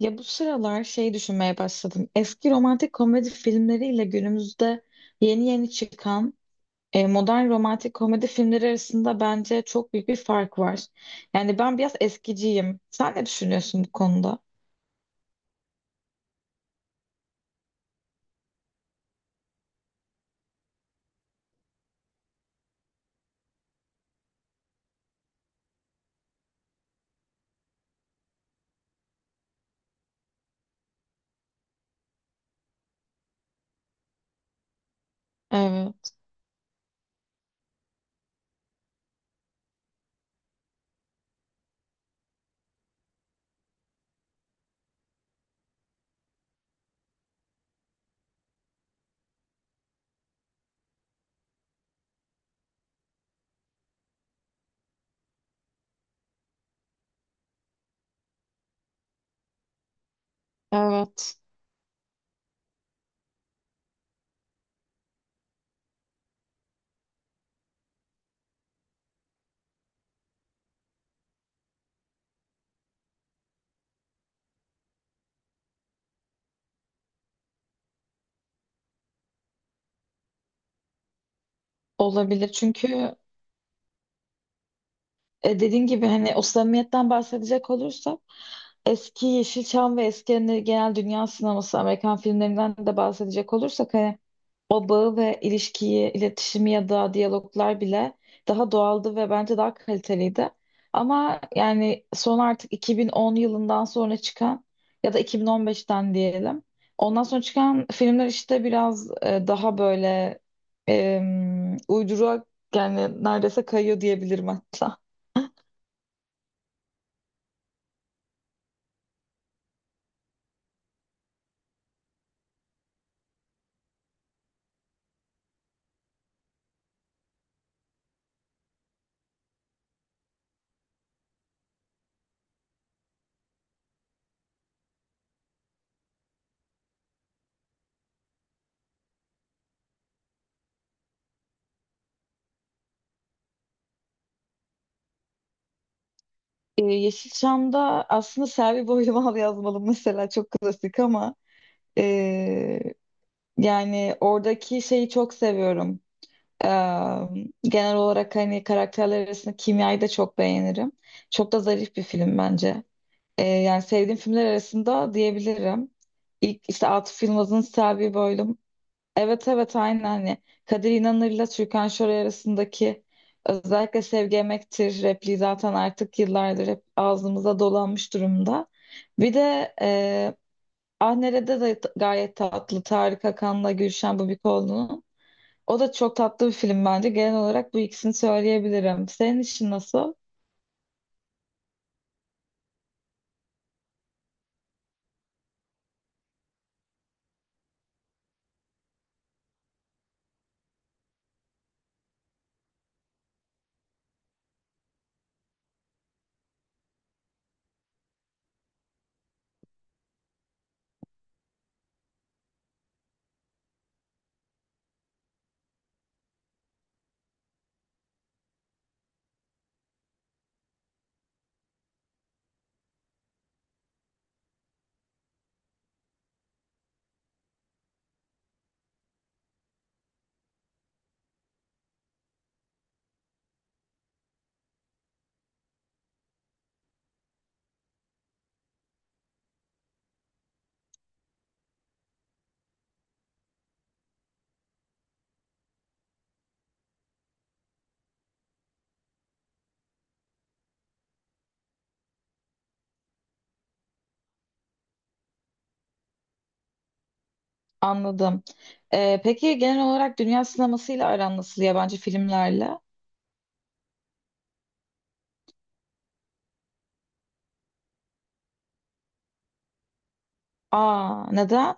Ya bu sıralar şey düşünmeye başladım. Eski romantik komedi filmleriyle günümüzde yeni yeni çıkan modern romantik komedi filmleri arasında bence çok büyük bir fark var. Yani ben biraz eskiciyim. Sen ne düşünüyorsun bu konuda? Evet, evet. Olabilir çünkü dediğin gibi hani o samimiyetten bahsedecek olursam eski Yeşilçam ve eski hani genel dünya sineması Amerikan filmlerinden de bahsedecek olursak hani o bağı ve ilişkiyi, iletişimi ya da diyaloglar bile daha doğaldı ve bence daha kaliteliydi. Ama yani son artık 2010 yılından sonra çıkan ya da 2015'ten diyelim. Ondan sonra çıkan filmler işte biraz daha böyle e, uyduruğa yani neredeyse kayıyor diyebilirim hatta. Yeşilçam'da aslında Selvi Boylumal yazmalı mesela çok klasik ama ee, yani oradaki şeyi çok seviyorum. Ee, genel olarak hani karakterler arasında kimyayı da çok beğenirim. Çok da zarif bir film bence. Yani sevdiğim filmler arasında diyebilirim. İlk işte Atıf Yılmaz'ın Selvi Boylum. Evet, evet, aynen hani Kadir İnanır'la Türkan Şoray arasındaki özellikle Sevgi Emektir repliği zaten artık yıllardır hep ağzımıza dolanmış durumda. Bir de Ah Nere'de de gayet tatlı Tarık Akan'la Gülşen Bubikoğlu'nun. O da çok tatlı bir film bence. Genel olarak bu ikisini söyleyebilirim. Senin için nasıl? Anladım. Peki genel olarak dünya sinemasıyla aran nasıl yabancı filmlerle? Aa, neden?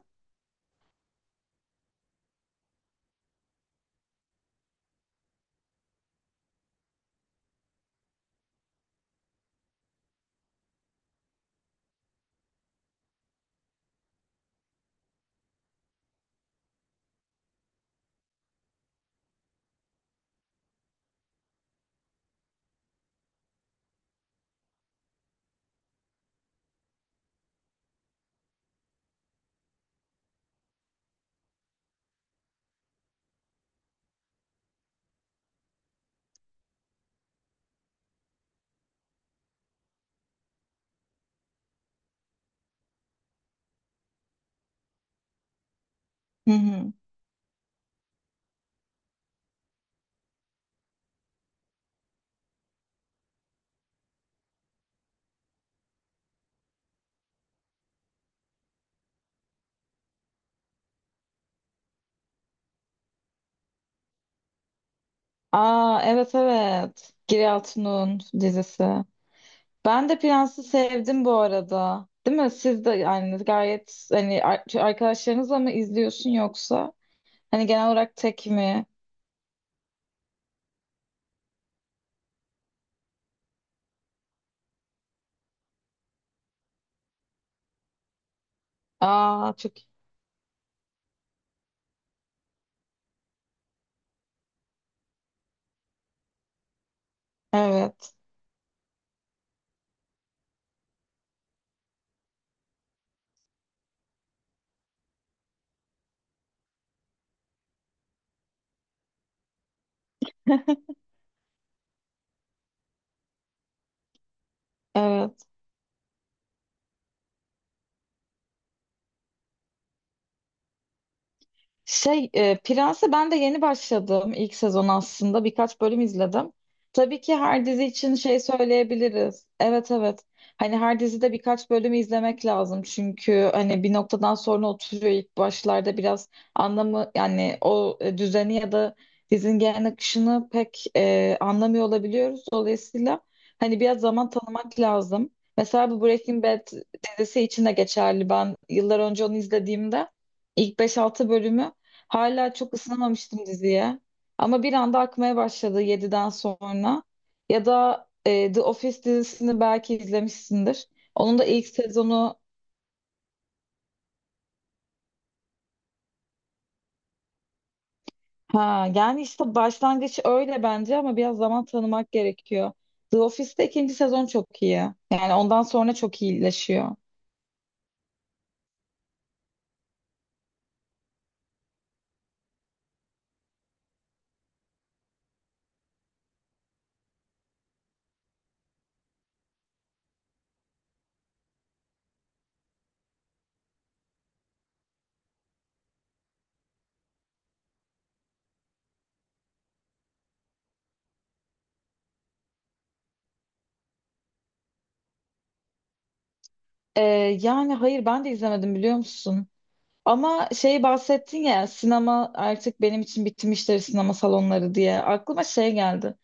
Hı hı. Aa, evet, evet. Giri Altun'un dizisi. Ben de Prens'i sevdim bu arada. Değil mi? Siz de yani gayet hani arkadaşlarınızla mı izliyorsun yoksa? Hani genel olarak tek mi? Aa, çok evet. Evet. Şey, Prens'e ben de yeni başladım ilk sezon aslında. Birkaç bölüm izledim. Tabii ki her dizi için şey söyleyebiliriz. Evet, evet. Hani her dizide birkaç bölümü izlemek lazım. Çünkü hani bir noktadan sonra oturuyor ilk başlarda biraz anlamı yani o düzeni ya da dizinin genel akışını pek anlamıyor olabiliyoruz. Dolayısıyla hani biraz zaman tanımak lazım. Mesela bu Breaking Bad dizisi için de geçerli. Ben yıllar önce onu izlediğimde ilk beş altı bölümü hala çok ısınamamıştım diziye. Ama bir anda akmaya başladı yediden sonra. Ya da The Office dizisini belki izlemişsindir. Onun da ilk sezonu ha yani işte başlangıç öyle bence ama biraz zaman tanımak gerekiyor. The Office'te ikinci sezon çok iyi. Yani ondan sonra çok iyileşiyor. Ee, yani hayır ben de izlemedim biliyor musun? Ama şey bahsettin ya sinema artık benim için bitmiştir sinema salonları diye. Aklıma şey geldi.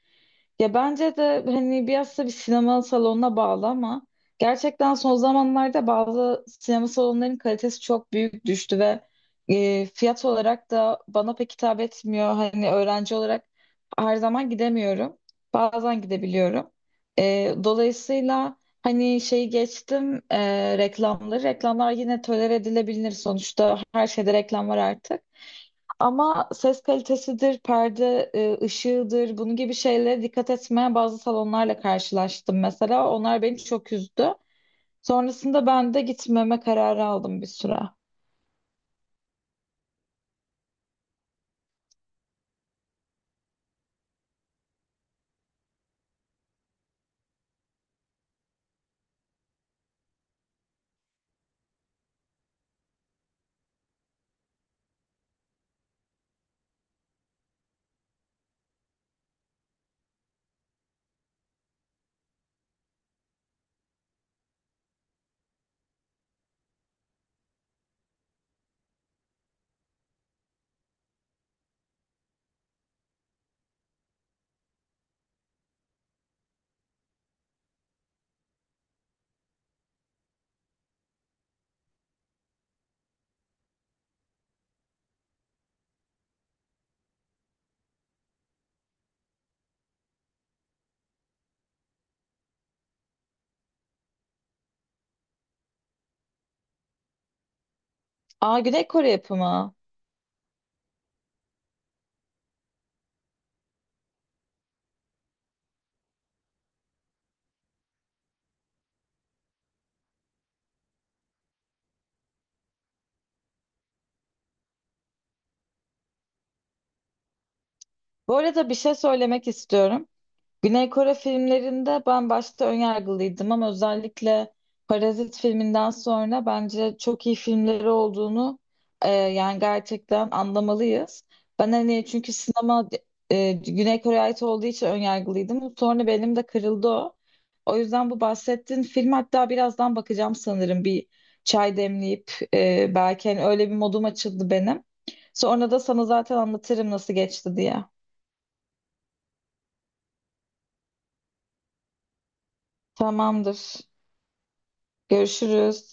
Ya bence de hani biraz da bir sinema salonuna bağlı ama gerçekten son zamanlarda bazı sinema salonlarının kalitesi çok büyük düştü ve fiyat olarak da bana pek hitap etmiyor. Hani öğrenci olarak her zaman gidemiyorum. Bazen gidebiliyorum. Dolayısıyla hani şeyi geçtim reklamları. Reklamlar yine tolere edilebilir sonuçta. Her şeyde reklam var artık. Ama ses kalitesidir, perde ışığıdır, bunun gibi şeylere dikkat etmeyen bazı salonlarla karşılaştım mesela. Onlar beni çok üzdü. Sonrasında ben de gitmeme kararı aldım bir süre. Aa, Güney Kore yapımı. Bu arada bir şey söylemek istiyorum. Güney Kore filmlerinde ben başta önyargılıydım ama özellikle Parazit filminden sonra bence çok iyi filmleri olduğunu yani gerçekten anlamalıyız. Ben hani çünkü sinema Güney Kore'ye ait olduğu için önyargılıydım. Sonra benim de kırıldı o. O yüzden bu bahsettiğin film hatta birazdan bakacağım sanırım bir çay demleyip belki hani öyle bir modum açıldı benim. Sonra da sana zaten anlatırım nasıl geçti diye. Tamamdır. Görüşürüz.